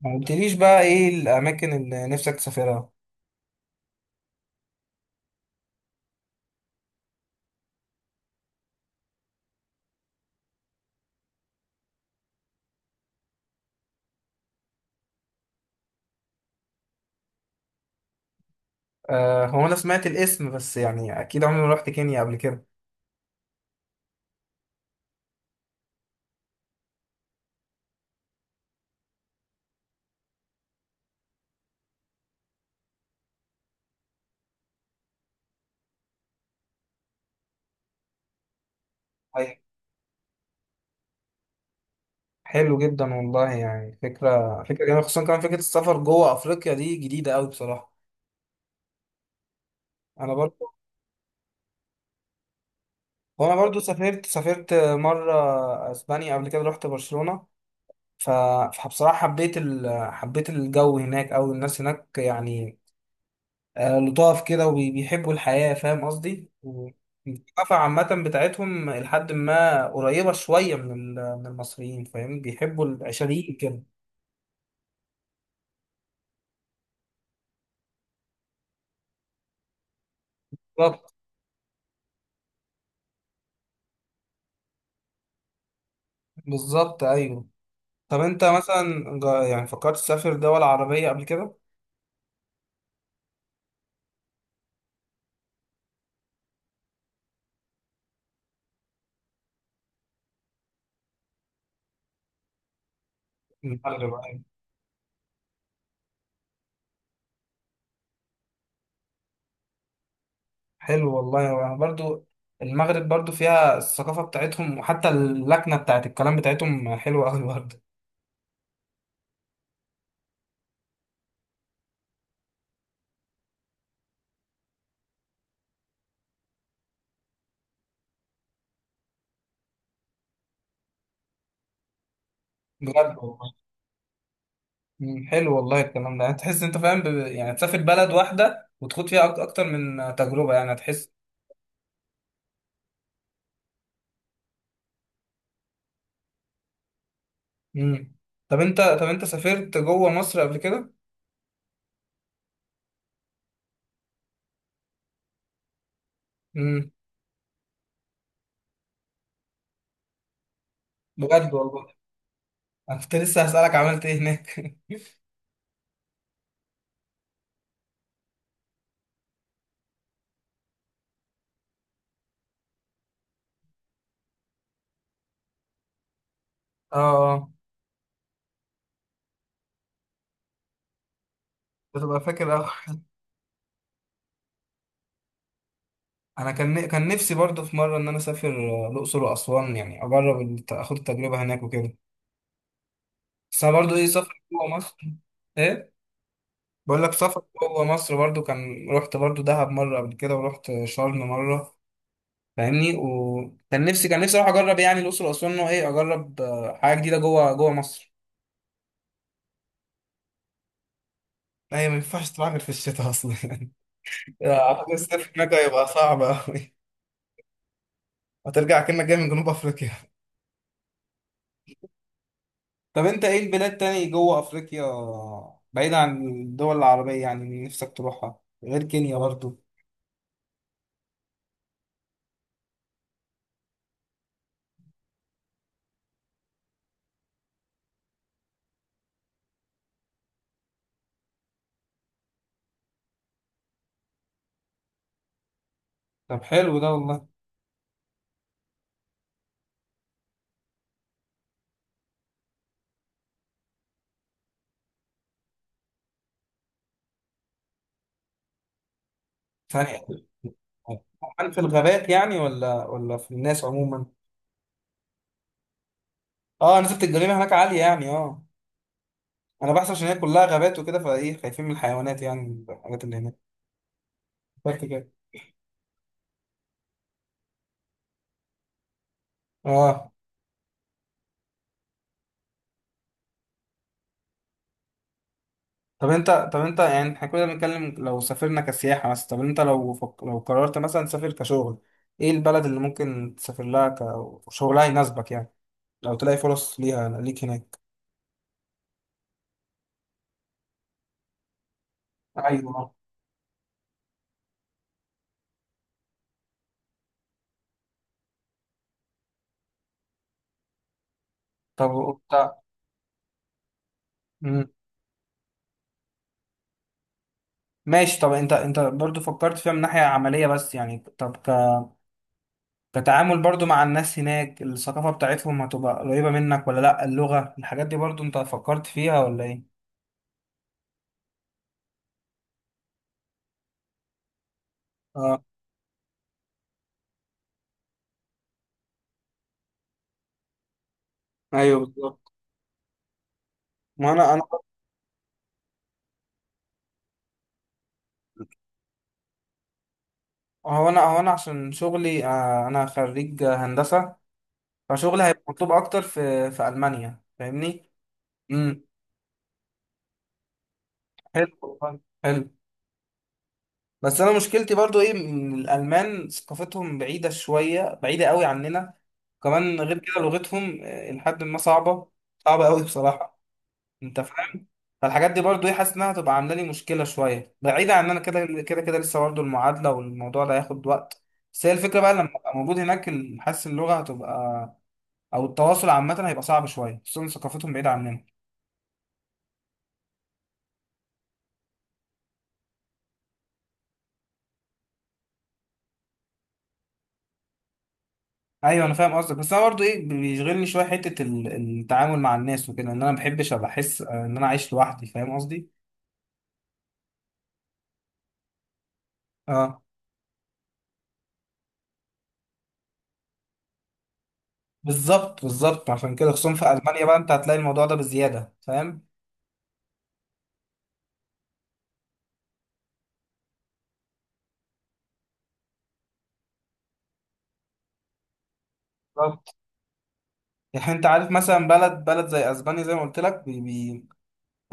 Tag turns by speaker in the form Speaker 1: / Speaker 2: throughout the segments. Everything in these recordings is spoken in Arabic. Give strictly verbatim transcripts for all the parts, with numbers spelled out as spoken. Speaker 1: ما قلتليش بقى ايه الاماكن اللي نفسك تسافرها؟ آه، هو انا سمعت الاسم بس يعني اكيد عمري ما رحت كينيا قبل كده. أي- حلو جدا والله، يعني فكره فكره جميله، خصوصا كمان فكره السفر جوه افريقيا دي جديده قوي بصراحه. انا برضو. وانا برضو سافرت سافرت مره اسبانيا، قبل كده رحت برشلونه. ف- فبصراحه حبيت ال... حبيت الجو هناك او الناس هناك، يعني آه، لطاف كده، وبيحبوا الحياة. فاهم قصدي؟ و- الثقافة عامة بتاعتهم لحد ما قريبة شوية من ال- من المصريين. فاهم؟ بيحبوا العشريين كده. بالظبط، بالظبط، أيوه. طب أنت مثلا جا- يعني فكرت تسافر دول عربية قبل كده؟ المغرب، أيوه. حلو والله، يعني برضو المغرب برضو فيها الثقافة بتاعتهم، وحتى اللكنة بتاعت الكلام بتاعتهم حلوة أوي برضو. بجد والله. مم، حلو والله الكلام ده، يعني تحس انت فاهم ب... يعني تسافر بلد واحده وتخوض فيها أك- اكتر من تجربه، يعني هتحس. امم. طب انت طب انت سافرت جوه مصر قبل كده؟ امم. بجد والله. انا كنت لسه هسألك عملت ايه هناك اه. آه. بتبقى فاكر أوي. انا كان كان نفسي برضو في مره ان انا اسافر، آه، الاقصر واسوان، يعني اجرب الت- اخد التجربه هناك وكده. بس انا برضو ايه سفر جوه مصر. ايه. بقول لك سفر جوه مصر، برضو كان رحت برضو دهب مره قبل كده ورحت شرم مره، فاهمني. وكان نفسي كان نفسي اروح اجرب يعني الاقصر واسوان، ان هو ايه اجرب آه، حاجه جديده جوه جوه مصر. ايوه، ما ينفعش تروح غير في الشتاء اصلا يعني آه، أعتقد الصيف هناك هيبقى صعب أوي. هترجع كأنك جاي من جنوب أفريقيا. طب انت ايه البلاد تاني جوه افريقيا، بعيد عن الدول العربية، يعني اللي نفسك تروحها غير كينيا برضو؟ طب حلو ده والله. ثانية. هل في الغابات يعني، ولا ولا في الناس عموما؟ اه، نسبة الجريمة هناك عالية يعني؟ اه. انا بحث عشان هي كلها غابات وكده، فايه خايفين من الحيوانات يعني، الحاجات اللي هناك. بس كده. اه. طب انت طب انت يعني احنا كنا بنتكلم لو سافرنا كسياحة مثلا. طب انت لو فك... لو قررت مثلا تسافر كشغل، ايه البلد اللي ممكن تسافر لها كشغلها يناسبك يعني، لو تلاقي فرص ليها ليك هناك؟ ايوه. طب وانت؟ مم. ماشي. طب انت انت برضو فكرت فيها من ناحية عملية بس، يعني طب ك... كتعامل برضو مع الناس هناك، الثقافة بتاعتهم هتبقى قريبة منك ولا لأ؟ اللغة الحاجات دي برضو انت فكرت فيها ولا ايه؟ اه. ايوه بالظبط. ما انا انا هو انا هو انا عشان شغلي، آه، انا خريج هندسة، فشغلي هيبقى مطلوب اكتر في في ألمانيا، فاهمني؟ امم. حلو والله، حلو. بس انا مشكلتي برضو ايه ان الألمان ثقافتهم بعيدة شوية، بعيدة قوي عننا. كمان غير كده لغتهم، آه، لحد ما صعبة، صعبة قوي بصراحة. انت فاهم؟ فالحاجات دي برضو ايه حاسس انها هتبقى عامله لي مشكله شويه، بعيدا عن ان انا كده كده كده لسه برضو المعادله والموضوع ده هياخد وقت. بس هي الفكره بقى لما ابقى موجود هناك، ال- حاسس اللغه هتبقى او التواصل عامه هيبقى صعب شويه، خصوصا ثقافتهم بعيده عننا. ايوه انا فاهم قصدك، بس انا برضو ايه بيشغلني شويه حته ال- التعامل مع الناس وكده، ان انا ما بحبش ابقى احس ان انا عايش لوحدي. فاهم قصدي؟ اه. بالظبط، بالظبط، عشان كده خصوصا في المانيا بقى انت هتلاقي الموضوع ده بزياده، فاهم؟ يعني انت عارف مثلا بلد بلد زي اسبانيا، زي ما قلت لك بي بي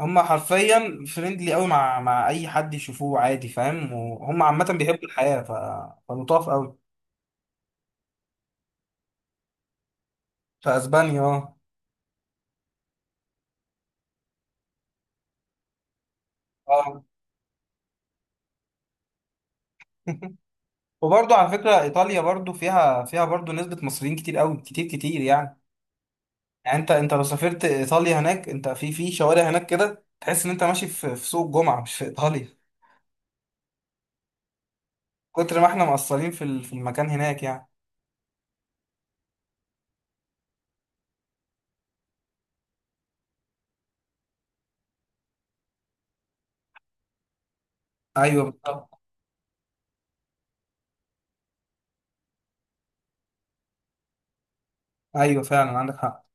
Speaker 1: هم حرفيا فريندلي قوي، مع مع اي حد يشوفوه عادي، فاهم؟ وهم عامه بيحبوا الحياه ف... فلطاف قوي. في اسبانيا، اه. اه. وبرضه على فكره ايطاليا برضه فيها فيها برضه نسبه مصريين كتير قوي، كتير كتير يعني. يعني انت انت لو سافرت ايطاليا هناك، انت في في شوارع هناك كده تحس ان انت ماشي في في سوق الجمعه، مش في ايطاليا. كتر ما احنا مقصرين في ال- في المكان هناك، يعني. ايوه بالظبط. ايوه فعلا عندك حق.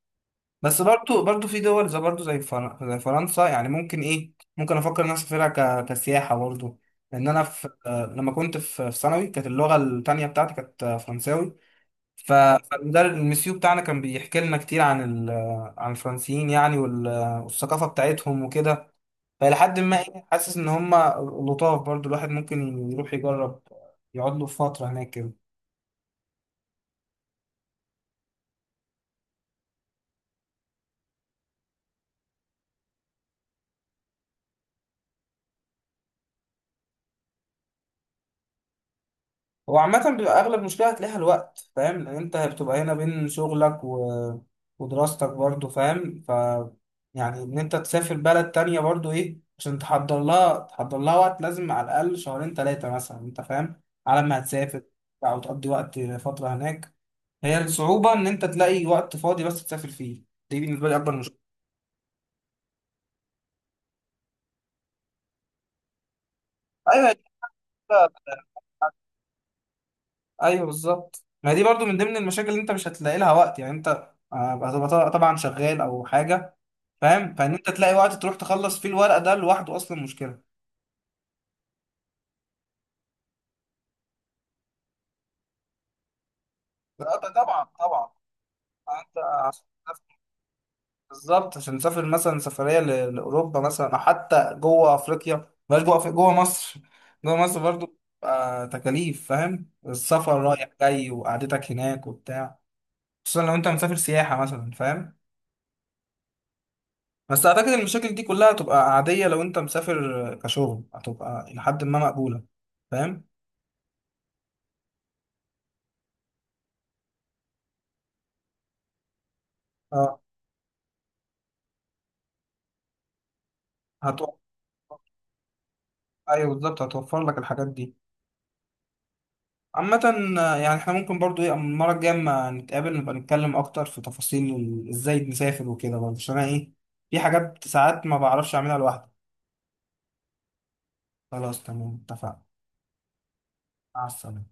Speaker 1: بس برضو برضو في دول زي برضو زي فر- زي فرنسا، يعني ممكن ايه ممكن افكر ان انا اسافرها ك- كسياحه برضو. لان انا في آه، لما كنت في في ثانوي كانت اللغه التانيه بتاعتي كانت آه، فرنساوي. ف- اه، فالمدرب المسيو بتاعنا كان بيحكي لنا كتير عن ال- آه، عن الفرنسيين، يعني وال- آه، والثقافه بتاعتهم وكده. فالى حد ما إيه، حاسس ان هم لطاف برضو، الواحد ممكن يروح يجرب، يقعد له فتره هناك كده. هو عامة بيبقى أغلب مشكلة هتلاقيها الوقت، فاهم؟ لأن أنت بتبقى هنا بين شغلك و... ودراستك برضو، فاهم ف يعني إن أنت تسافر بلد تانية برضو إيه عشان تحضر لها تحضر لها وقت لازم على الأقل شهرين تلاتة مثلا، أنت فاهم، على ما هتسافر أو تقضي وقت فترة هناك. هي الصعوبة إن أنت تلاقي وقت فاضي بس تسافر فيه. دي بالنسبة لي أكبر مشكلة. أيوه هي كده. أيوه بالظبط، ما هي دي برضو من ضمن المشاكل اللي أنت مش هتلاقي لها وقت، يعني أنت آه، هتبقى طبعا شغال أو حاجة، فاهم؟ فان انت تلاقي وقت تروح تخلص فيه الورق ده لوحده اصلا مشكله. لا ده طبعا، طبعا. انت عشان تسافر- بالظبط، عشان تسافر مثلا سفريه ل- لاوروبا مثلا، او حتى جوه افريقيا، بلاش جوه أفريقيا، جوه مصر، جوه مصر برضو آه تكاليف، فاهم؟ السفر رايح جاي وقعدتك هناك وبتاع، خصوصا لو انت مسافر سياحه مثلا، فاهم؟ بس اعتقد المشاكل دي كلها هتبقى عاديه لو انت مسافر كشغل، هتبقى لحد ما مقبوله، فاهم. اه، هتوفر. ايوه بالظبط، هتوفر لك الحاجات دي، عامة. يعني احنا ممكن برضو ايه المرة الجاية اما نتقابل نبقى نتكلم أكتر في تفاصيل ال- ازاي نسافر وكده برضه، عشان أنا ايه في حاجات ساعات ما بعرفش أعملها لوحدي. خلاص، تمام، اتفقنا. مع السلامة.